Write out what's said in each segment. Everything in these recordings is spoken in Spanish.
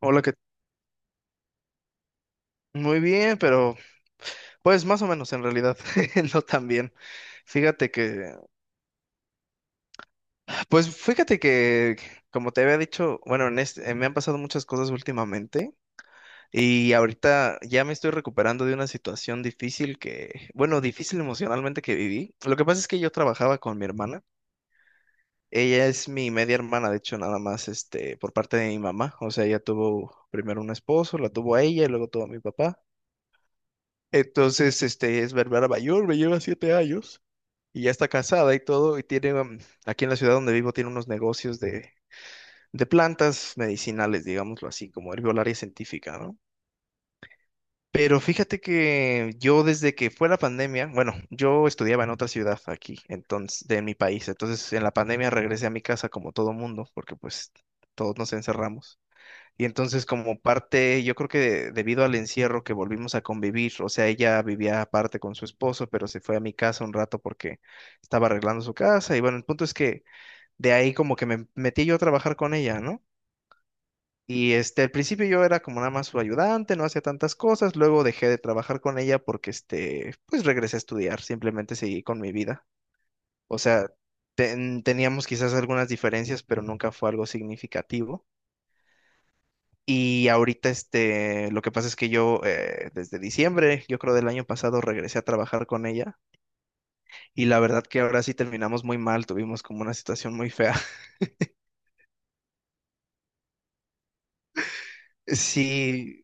Hola, que muy bien, pero pues más o menos en realidad, no tan bien. Fíjate que, pues fíjate que, como te había dicho, bueno, me han pasado muchas cosas últimamente y ahorita ya me estoy recuperando de una situación difícil que, bueno, difícil emocionalmente que viví. Lo que pasa es que yo trabajaba con mi hermana. Ella es mi media hermana, de hecho, nada más, por parte de mi mamá. O sea, ella tuvo primero un esposo, la tuvo a ella y luego tuvo a mi papá. Entonces, es Berbera mayor, me lleva 7 años, y ya está casada y todo, y tiene, aquí en la ciudad donde vivo, tiene unos negocios de plantas medicinales, digámoslo así, como herbolaria científica, ¿no? Pero fíjate que yo desde que fue la pandemia, bueno, yo estudiaba en otra ciudad aquí, entonces, de mi país, entonces en la pandemia regresé a mi casa como todo mundo, porque pues todos nos encerramos. Y entonces como parte, yo creo que debido al encierro que volvimos a convivir, o sea, ella vivía aparte con su esposo, pero se fue a mi casa un rato porque estaba arreglando su casa. Y bueno, el punto es que de ahí como que me metí yo a trabajar con ella, ¿no? Y al principio yo era como nada más su ayudante, no hacía tantas cosas, luego dejé de trabajar con ella porque pues regresé a estudiar, simplemente seguí con mi vida. O sea, teníamos quizás algunas diferencias, pero nunca fue algo significativo. Y ahorita, lo que pasa es que yo, desde diciembre, yo creo del año pasado, regresé a trabajar con ella. Y la verdad que ahora sí terminamos muy mal, tuvimos como una situación muy fea. Sí,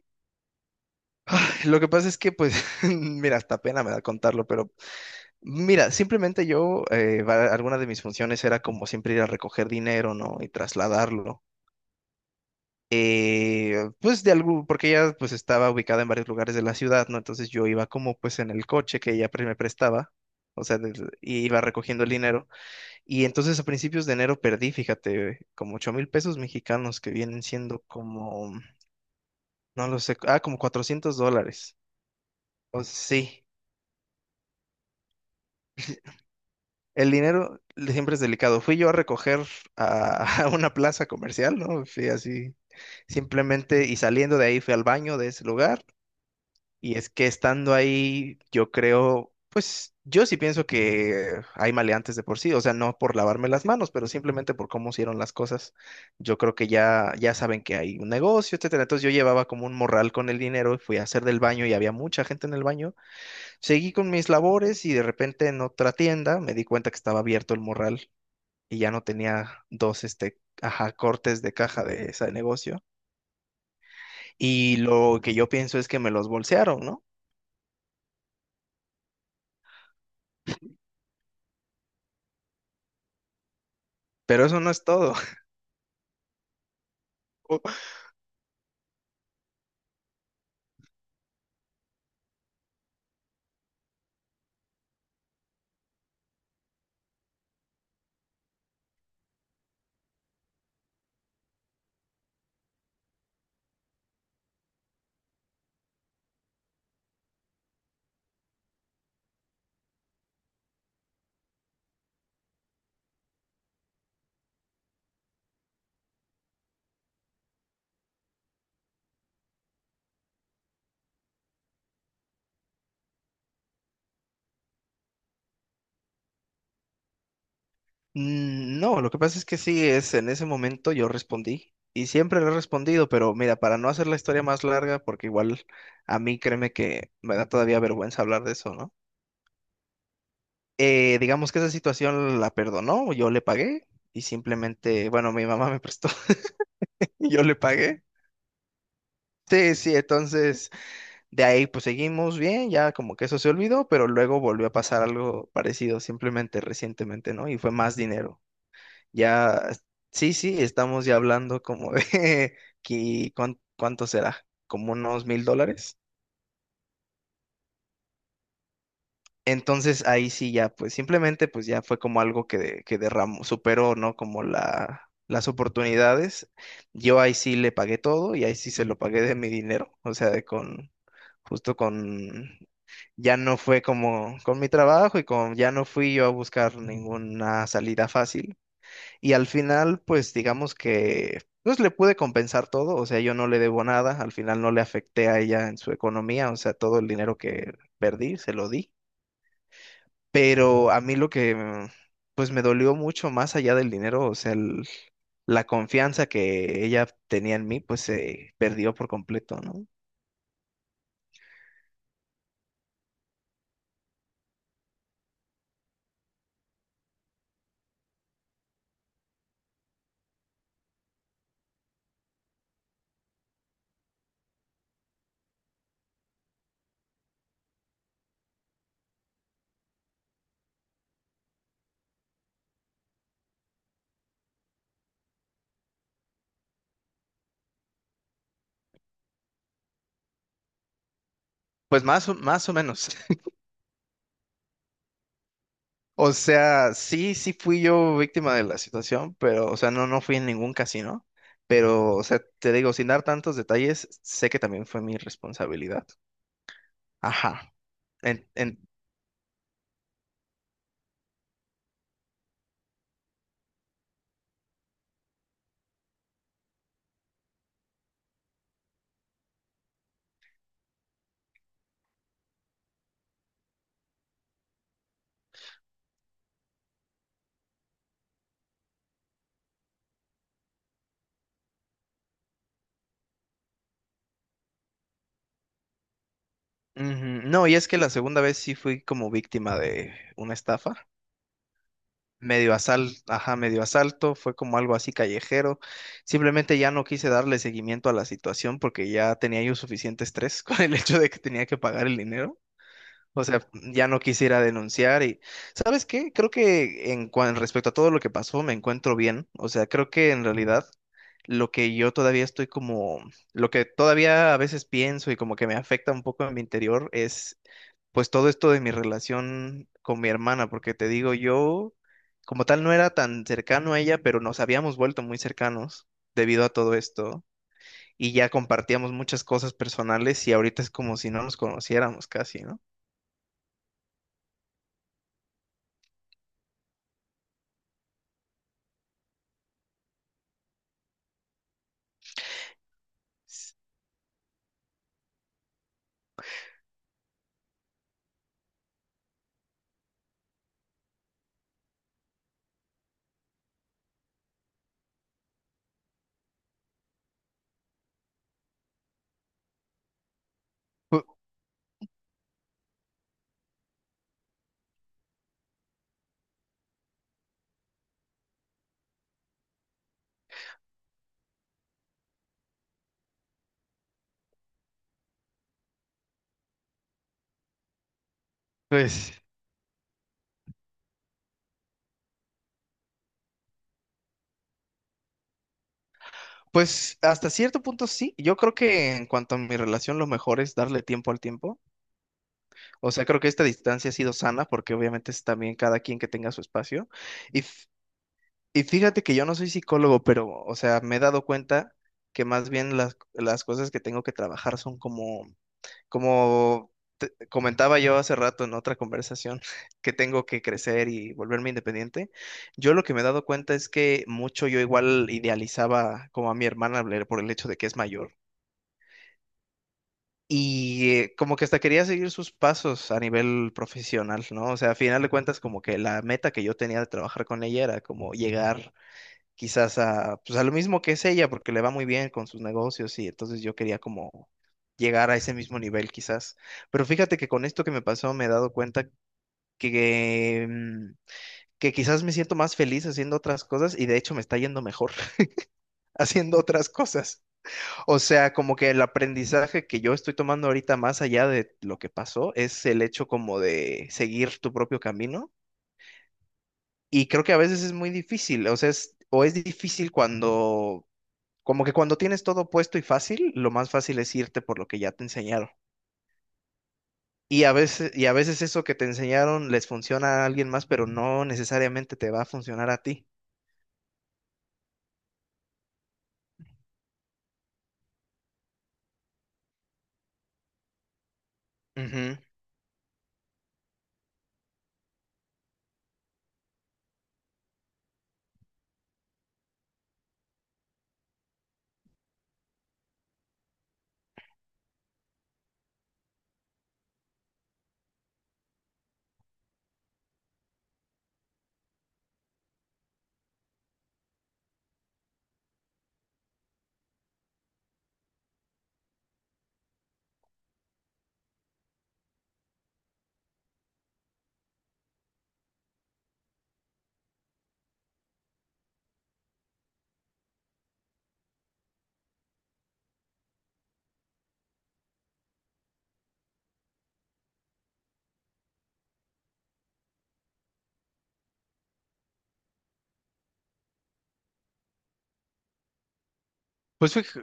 lo que pasa es que, pues, mira, hasta pena me da contarlo, pero mira, simplemente yo, alguna de mis funciones era como siempre ir a recoger dinero, ¿no? Y trasladarlo. Pues de algo, porque ella pues estaba ubicada en varios lugares de la ciudad, ¿no? Entonces yo iba como pues en el coche que me prestaba, y iba recogiendo el dinero. Y entonces a principios de enero perdí, fíjate, como 8.000 pesos mexicanos que vienen siendo como, no lo sé, como 400 dólares. O sí. El dinero siempre es delicado. Fui yo a recoger a, a una plaza comercial, ¿no? Fui así, simplemente, y saliendo de ahí fui al baño de ese lugar. Y es que estando ahí, yo creo, pues yo sí pienso que hay maleantes de por sí, o sea, no por lavarme las manos, pero simplemente por cómo hicieron las cosas. Yo creo que ya saben que hay un negocio, etcétera. Entonces yo llevaba como un morral con el dinero y fui a hacer del baño y había mucha gente en el baño. Seguí con mis labores y de repente en otra tienda me di cuenta que estaba abierto el morral y ya no tenía dos, cortes de caja de ese negocio. Y lo que yo pienso es que me los bolsearon, ¿no? Pero eso no es todo. No, lo que pasa es que sí, es en ese momento yo respondí y siempre le he respondido, pero mira, para no hacer la historia más larga, porque igual a mí créeme que me da todavía vergüenza hablar de eso, ¿no? Digamos que esa situación la perdonó, yo le pagué y simplemente, bueno, mi mamá me prestó y yo le pagué. Sí, sí, entonces de ahí pues seguimos bien, ya como que eso se olvidó, pero luego volvió a pasar algo parecido simplemente recientemente, ¿no? Y fue más dinero. Ya, sí, sí, estamos ya hablando como de que, ¿cuánto será? Como unos 1.000 dólares. Entonces ahí sí ya, pues simplemente pues ya fue como algo que, que derramó, superó, ¿no? Como las oportunidades. Yo ahí sí le pagué todo y ahí sí se lo pagué de mi dinero, o sea, justo con, ya no fue como con mi trabajo y con, ya no fui yo a buscar ninguna salida fácil. Y al final, pues digamos que pues le pude compensar todo, o sea, yo no le debo nada, al final no le afecté a ella en su economía, o sea, todo el dinero que perdí se lo di, pero a mí lo que pues me dolió mucho más allá del dinero, o sea, la confianza que ella tenía en mí, pues se perdió por completo, ¿no? Pues más o menos. O sea, sí, sí fui yo víctima de la situación, pero, o sea, no, no fui en ningún casino. Pero, o sea, te digo, sin dar tantos detalles, sé que también fue mi responsabilidad. Ajá. En- en- ujú. No, y es que la segunda vez sí fui como víctima de una estafa. Medio asalto, fue como algo así callejero. Simplemente ya no quise darle seguimiento a la situación porque ya tenía yo suficiente estrés con el hecho de que tenía que pagar el dinero. O sea, ya no quisiera denunciar y, ¿sabes qué? Creo que respecto a todo lo que pasó, me encuentro bien. O sea, creo que en realidad lo que yo todavía estoy como, lo que todavía a veces pienso y como que me afecta un poco en mi interior es pues todo esto de mi relación con mi hermana, porque te digo, yo como tal no era tan cercano a ella, pero nos habíamos vuelto muy cercanos debido a todo esto y ya compartíamos muchas cosas personales y ahorita es como si no nos conociéramos casi, ¿no? Pues, pues hasta cierto punto sí. Yo creo que en cuanto a mi relación, lo mejor es darle tiempo al tiempo. O sea, creo que esta distancia ha sido sana porque obviamente es también cada quien que tenga su espacio. Y, f- y fíjate que yo no soy psicólogo, pero, o sea, me he dado cuenta que más bien las cosas que tengo que trabajar son como, como comentaba yo hace rato en otra conversación que tengo que crecer y volverme independiente. Yo lo que me he dado cuenta es que mucho yo igual idealizaba como a mi hermana Blair por el hecho de que es mayor. Y como que hasta quería seguir sus pasos a nivel profesional, ¿no? O sea, a final de cuentas, como que la meta que yo tenía de trabajar con ella era como llegar quizás a, pues a lo mismo que es ella, porque le va muy bien con sus negocios y entonces yo quería como llegar a ese mismo nivel quizás. Pero fíjate que con esto que me pasó me he dado cuenta que, que quizás me siento más feliz haciendo otras cosas y de hecho me está yendo mejor haciendo otras cosas. O sea, como que el aprendizaje que yo estoy tomando ahorita más allá de lo que pasó es el hecho como de seguir tu propio camino y creo que a veces es muy difícil, o es difícil cuando, como que cuando tienes todo puesto y fácil, lo más fácil es irte por lo que ya te enseñaron. Y a veces eso que te enseñaron les funciona a alguien más, pero no necesariamente te va a funcionar a ti. Ujú. Pues fíjate,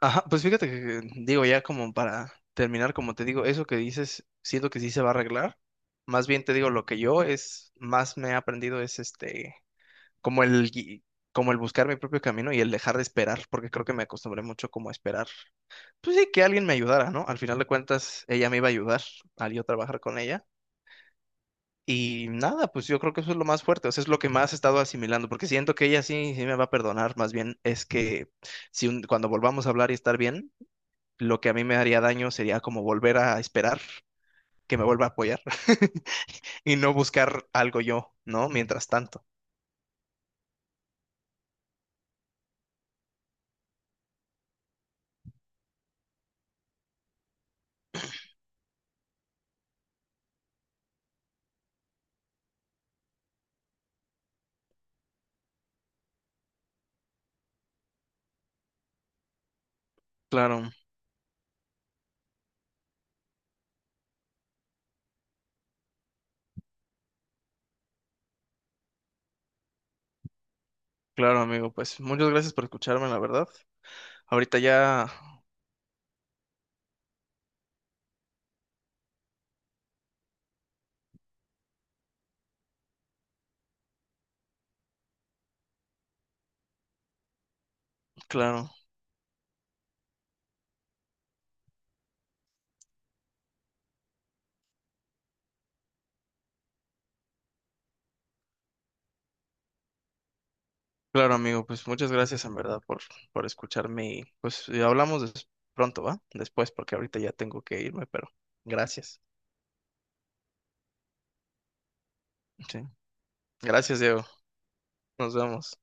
ajá, pues fíjate que, digo, ya como para terminar, como te digo, eso que dices, siento que sí se va a arreglar. Más bien te digo, lo que yo es, más me he aprendido es como el, gui- como el buscar mi propio camino y el dejar de esperar, porque creo que me acostumbré mucho como a esperar. Pues sí, que alguien me ayudara, ¿no? Al final de cuentas, ella me iba a ayudar al yo trabajar con ella. Y nada, pues yo creo que eso es lo más fuerte, o sea, es lo que más he estado asimilando, porque siento que ella sí, sí me va a perdonar, más bien es que si un- cuando volvamos a hablar y estar bien lo que a mí me haría daño sería como volver a esperar que me vuelva a apoyar y no buscar algo yo, ¿no? Mientras tanto. Claro, claro, amigo, pues muchas gracias por escucharme, la verdad. Ahorita ya, claro, claro, amigo, pues muchas gracias en verdad por escucharme y pues y hablamos pronto, ¿va? Después, porque ahorita ya tengo que irme, pero gracias. Sí. Gracias, Diego. Nos vemos.